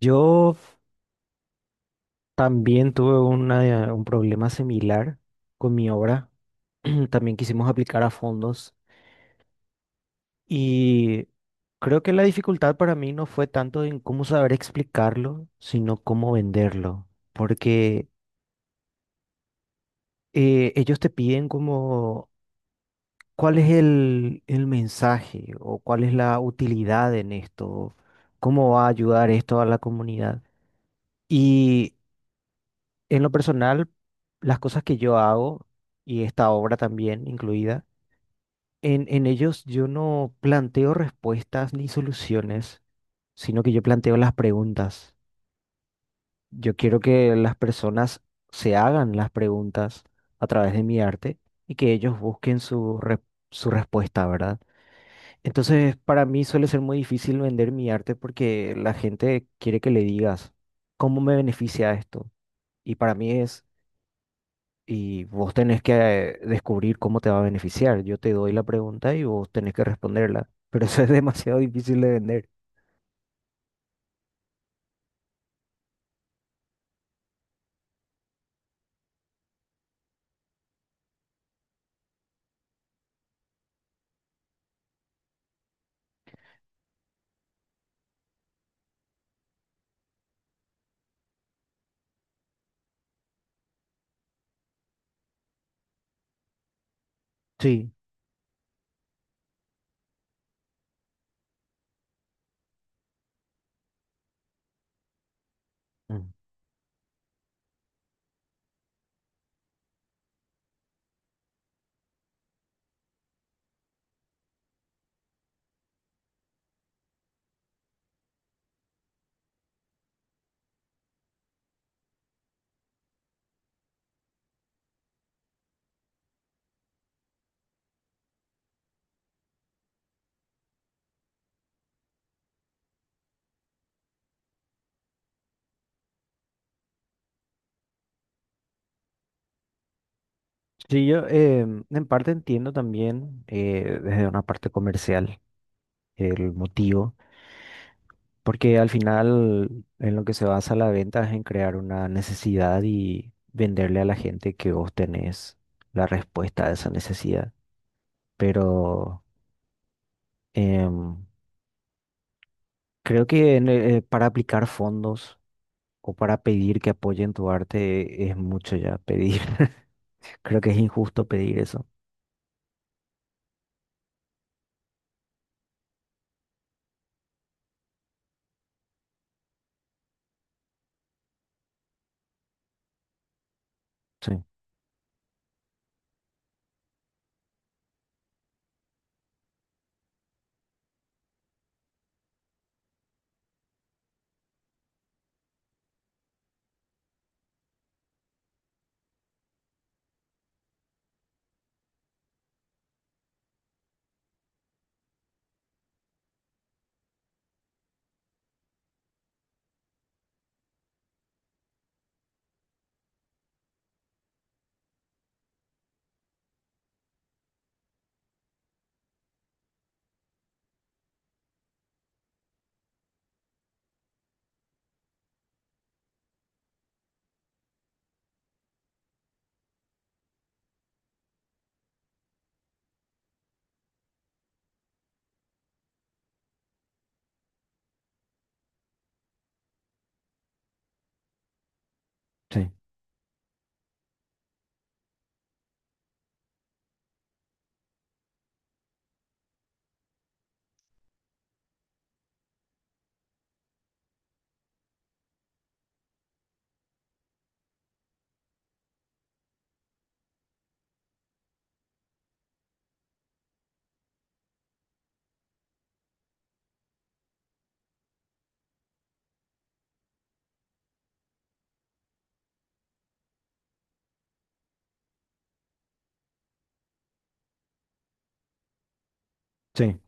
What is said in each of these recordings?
Yo también tuve un problema similar con mi obra. También quisimos aplicar a fondos y creo que la dificultad para mí no fue tanto en cómo saber explicarlo, sino cómo venderlo. Porque ellos te piden como cuál es el mensaje o cuál es la utilidad en esto, cómo va a ayudar esto a la comunidad. Y En lo personal, las cosas que yo hago, y esta obra también incluida, en ellos yo no planteo respuestas ni soluciones, sino que yo planteo las preguntas. Yo quiero que las personas se hagan las preguntas a través de mi arte y que ellos busquen su respuesta, ¿verdad? Entonces, para mí suele ser muy difícil vender mi arte porque la gente quiere que le digas, ¿cómo me beneficia esto? Y para mí es Y vos tenés que descubrir cómo te va a beneficiar. Yo te doy la pregunta y vos tenés que responderla. Pero eso es demasiado difícil de vender. Sí. Mm. Sí, yo en parte entiendo también desde una parte comercial el motivo, porque al final en lo que se basa la venta es en crear una necesidad y venderle a la gente que vos tenés la respuesta a esa necesidad. Pero em, creo que para aplicar fondos o para pedir que apoyen tu arte es mucho ya pedir. Creo que es injusto pedir eso. Sí, sí, sí.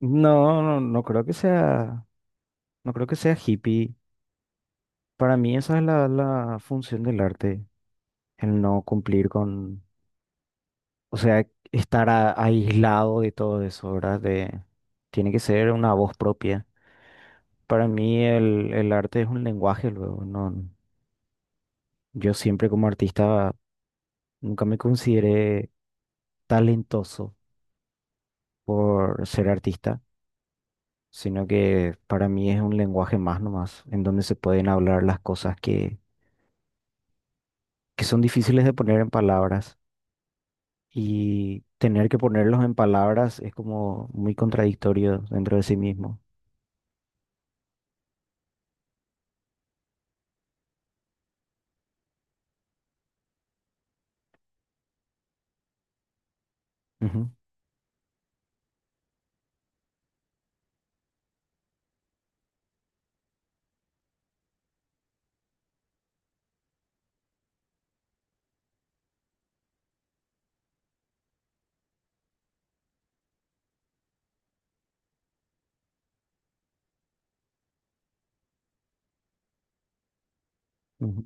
No, no, no creo que sea, no creo que sea hippie. Para mí esa es la función del arte, el no cumplir con, o sea, estar aislado de todo eso, ¿verdad? De, tiene que ser una voz propia. Para mí el arte es un lenguaje luego, no, yo siempre como artista nunca me consideré talentoso por ser artista, sino que para mí es un lenguaje más nomás, en donde se pueden hablar las cosas que son difíciles de poner en palabras. Y tener que ponerlos en palabras es como muy contradictorio dentro de sí mismo. Ujú, ujú.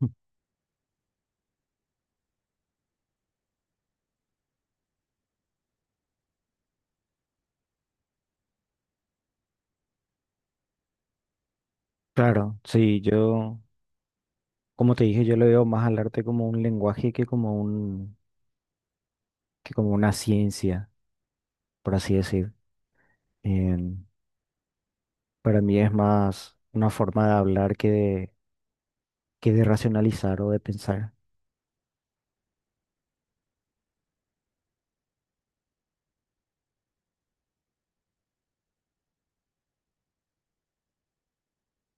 Claro, sí, yo, como te dije, yo lo veo más al arte como un lenguaje que como que como una ciencia, por así decir. En- para mí es más una forma de hablar que de racionalizar o de pensar.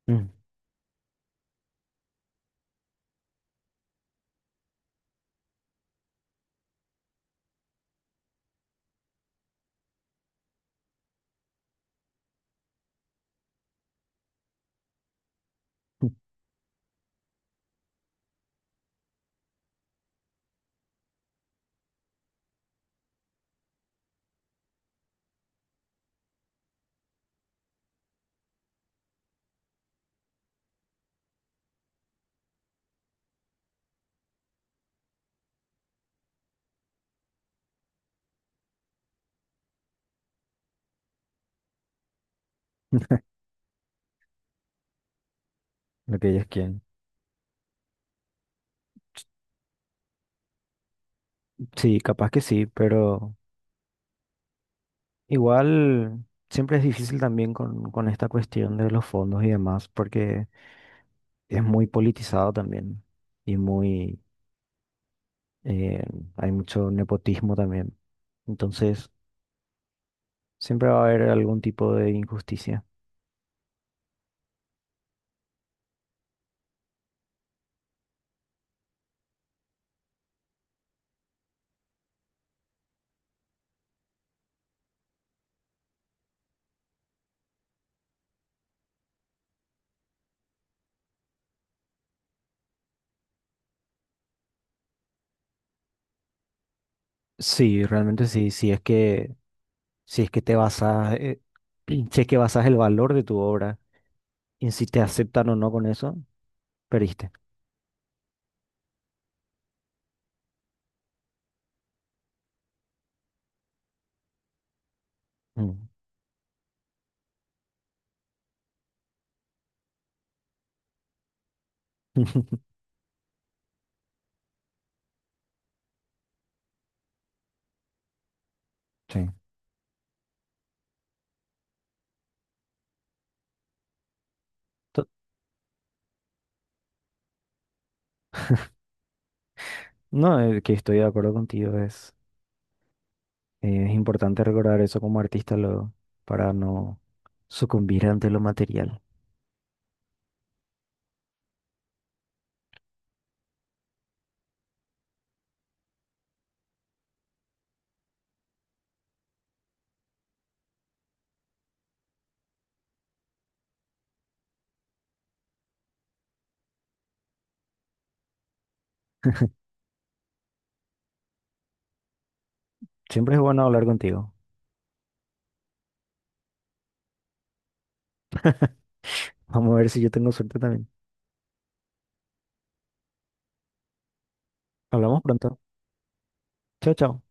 Mm. Lo que ellos quieren. Sí, capaz que sí, pero igual siempre es difícil también con esta cuestión de los fondos y demás, porque es muy politizado también y muy, eh, hay mucho nepotismo también. Entonces, siempre va a haber algún tipo de injusticia. Sí, realmente sí, si es que te basas, si es que basas el valor de tu obra en si te aceptan o no con eso, perdiste. Mm. Sí. No, que estoy de acuerdo contigo, es importante recordar eso como artista luego, para no sucumbir ante lo material. Siempre es bueno hablar contigo. Vamos a ver si yo tengo suerte también. Hablamos pronto. Chao, chao.